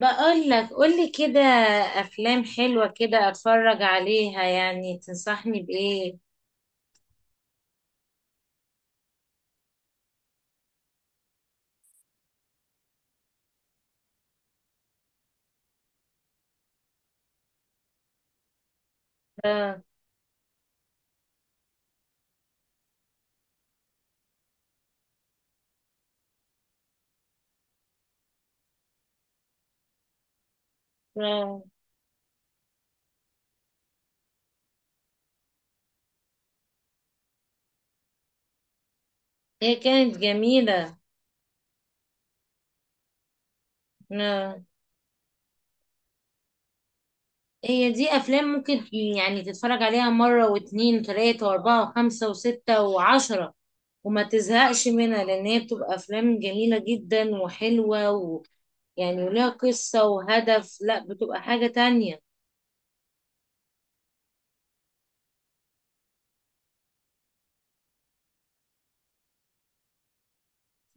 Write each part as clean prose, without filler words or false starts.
بقول لك، قولي كده. افلام حلوة كده اتفرج عليها، يعني تنصحني بايه؟ آه، آه. هي كانت جميلة. آه. هي دي افلام ممكن يعني تتفرج عليها مرة واتنين وتلاتة واربعة وخمسة وستة وعشرة وما تزهقش منها، لان هي بتبقى افلام جميلة جدا وحلوة، ويعني وليها قصة وهدف، لا بتبقى حاجة تانية.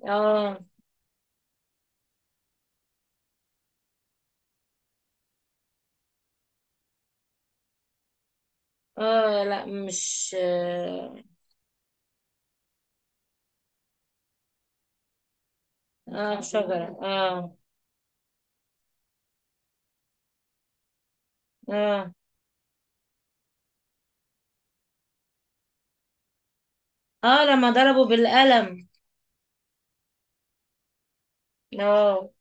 اه، اه، لا مش اه. آه، شجرة، اه. اه، اه، لما ضربه بالقلم، اه.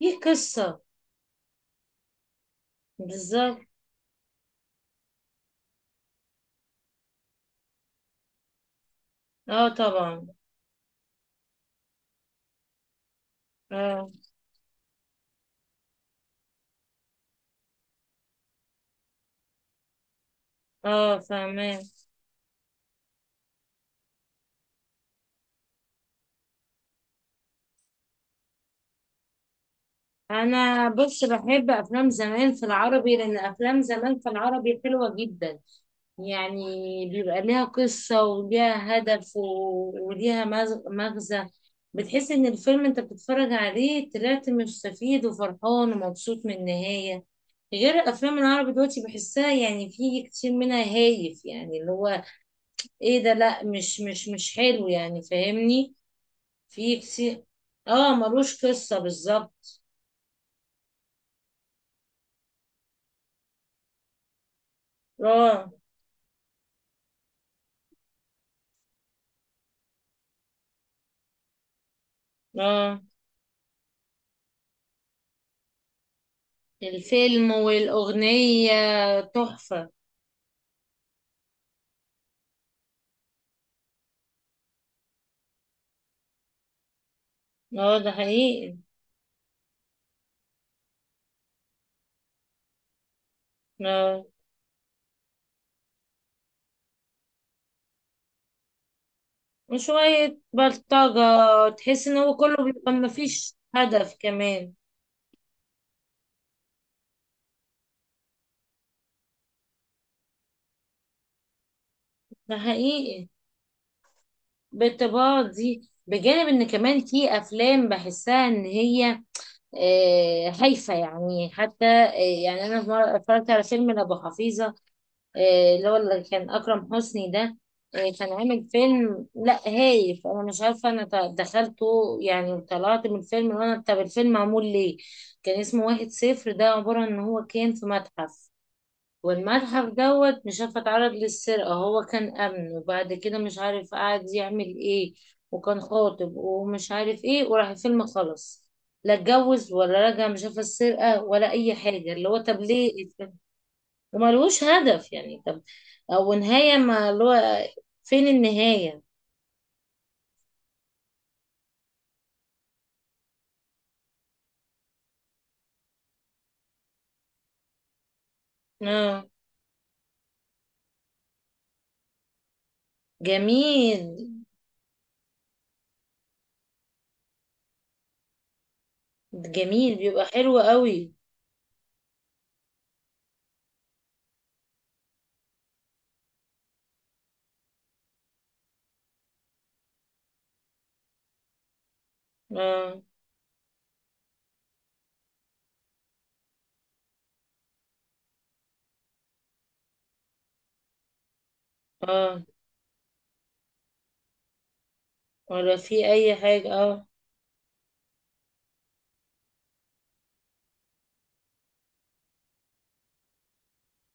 دي قصة. بالظبط. اه طبعا. اه، اه، فاهمة. انا بص، بحب افلام زمان في العربي، لان افلام زمان في العربي حلوة جدا يعني. بيبقى ليها قصة وليها هدف وليها مغزى. بتحس ان الفيلم انت بتتفرج عليه طلعت مستفيد وفرحان ومبسوط من النهاية. غير الافلام العربي دلوقتي بحسها يعني في كتير منها هايف، يعني اللي هو ايه ده؟ لا، مش حلو يعني، فاهمني؟ في كتير. اه، ملوش قصة بالظبط. اه، اه، الفيلم والأغنية تحفة. اه، ده حقيقي. اه، وشوية بلطجة. تحس ان هو كله بيبقى مفيش هدف كمان. ده حقيقي. بالطباع دي بجانب ان كمان في افلام بحسها ان هي هايفة يعني، حتى يعني أنا في مرة اتفرجت على فيلم لأبو حفيظة، اللي هو اللي كان أكرم حسني ده. كان عامل فيلم لا هايف. أنا مش عارفة، أنا دخلته يعني، طلعت من الفيلم وأنا طب الفيلم معمول ليه؟ كان اسمه واحد صفر، ده عبارة إن هو كان في متحف، والمتحف دوت مش عارفة اتعرض للسرقة، هو كان أمن وبعد كده مش عارف قعد يعمل إيه، وكان خاطب ومش عارف إيه، وراح الفيلم خلص. لا اتجوز ولا رجع، مش عارفة السرقة ولا أي حاجة، اللي هو طب ليه؟ وملوش هدف يعني. طب او نهاية، ما اللي هو فين النهاية؟ اه، جميل. جميل بيبقى حلو قوي. اه، اه، ولا في اي حاجة، اه.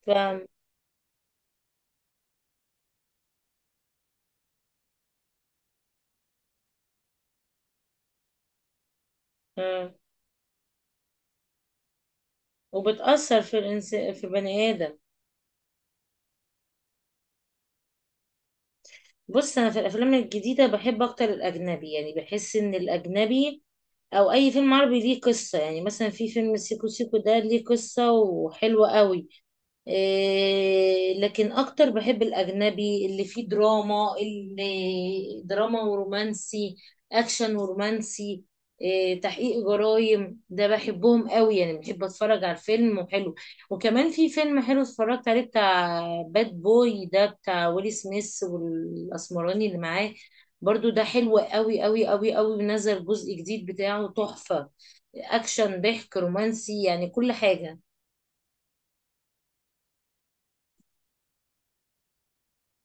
فاهم. اه، وبتأثر في بني آدم. بص، انا في الافلام الجديدة بحب اكتر الاجنبي، يعني بحس ان الاجنبي او اي فيلم عربي ليه قصة، يعني مثلا في فيلم سيكو سيكو، ده ليه قصة وحلوة قوي. إيه، لكن اكتر بحب الاجنبي اللي فيه دراما، اللي دراما ورومانسي، اكشن ورومانسي. إيه، تحقيق جرائم ده بحبهم قوي، يعني بحب اتفرج على الفيلم وحلو. وكمان في فيلم حلو اتفرجت عليه بتاع باد بوي، ده بتاع ويلي سميث والاسمراني اللي معاه. برضو ده حلو قوي قوي قوي قوي. نزل جزء جديد بتاعه تحفة، اكشن، ضحك، رومانسي، يعني كل حاجة.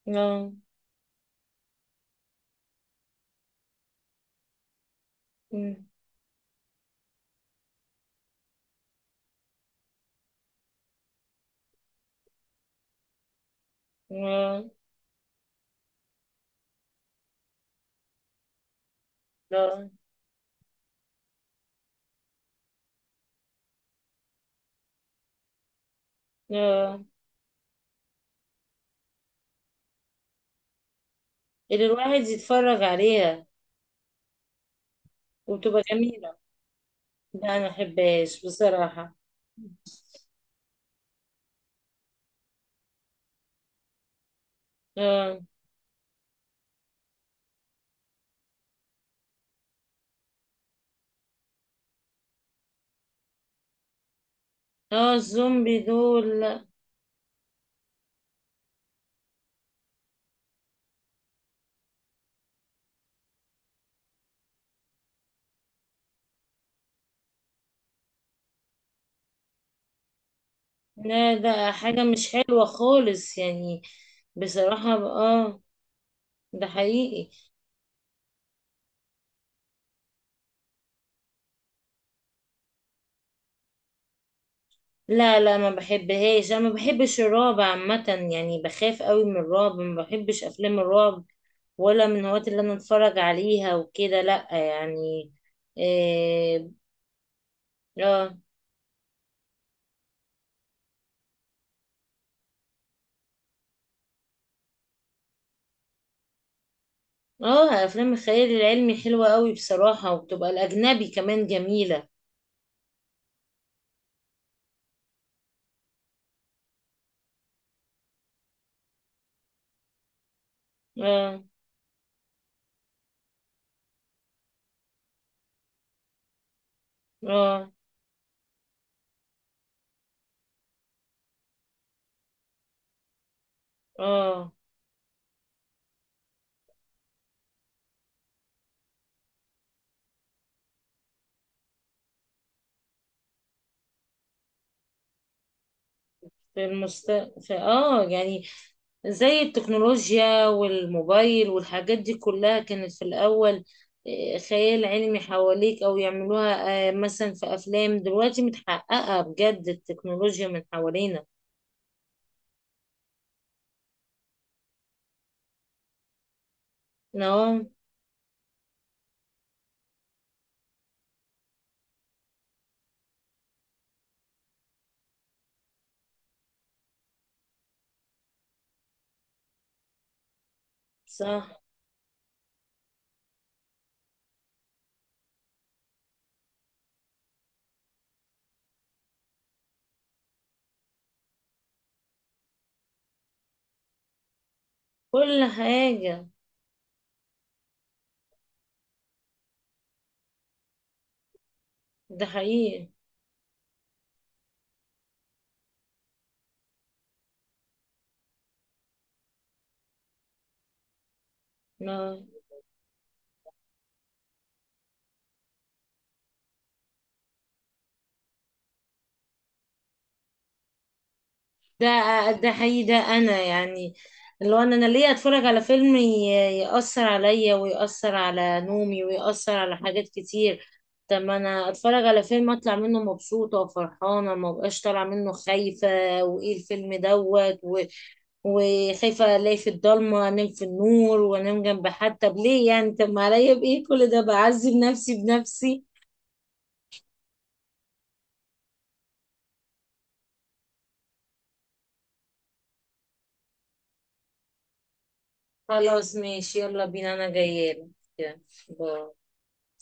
اه، اه، لا، لا، اللي الواحد يتفرج عليها وبتبقى جميلة. لا أنا محبهاش بصراحة. اه، اه، الزومبي دول لا. لا، ده حاجة مش حلوة خالص يعني، بصراحة، اه، ده حقيقي. لا، لا، ما بحبهاش، انا ما بحبش الرعب عامة، يعني بخاف قوي من الرعب، ما بحبش افلام الرعب، ولا من الهوايات اللي انا اتفرج عليها وكده، لا يعني. إيه، اه، اه، افلام الخيال العلمي حلوة قوي بصراحة، وبتبقى الاجنبي كمان جميلة. اه، اه، اه، في المست في يعني، زي التكنولوجيا والموبايل والحاجات دي كلها كانت في الاول خيال علمي حواليك او يعملوها، مثلا في افلام دلوقتي متحققة بجد، التكنولوجيا من حوالينا. اه، صح، كل حاجة. ده حقيقي، اه، ده ده حقيقي، ده انا يعني. لو انا ليه اتفرج على فيلم يأثر عليا، ويأثر على نومي، ويأثر على حاجات كتير، طب ما انا اتفرج على فيلم اطلع منه مبسوطة وفرحانة، ما بقاش طالعة منه خايفة، وايه الفيلم دوت وخايفة الاقي في الضلمة انام في النور وانام جنب حد. طب ليه يعني؟ طب ما عليا بايه كل ده، بعذب نفسي بنفسي. خلاص، ماشي، يلا بينا، انا جاية لك.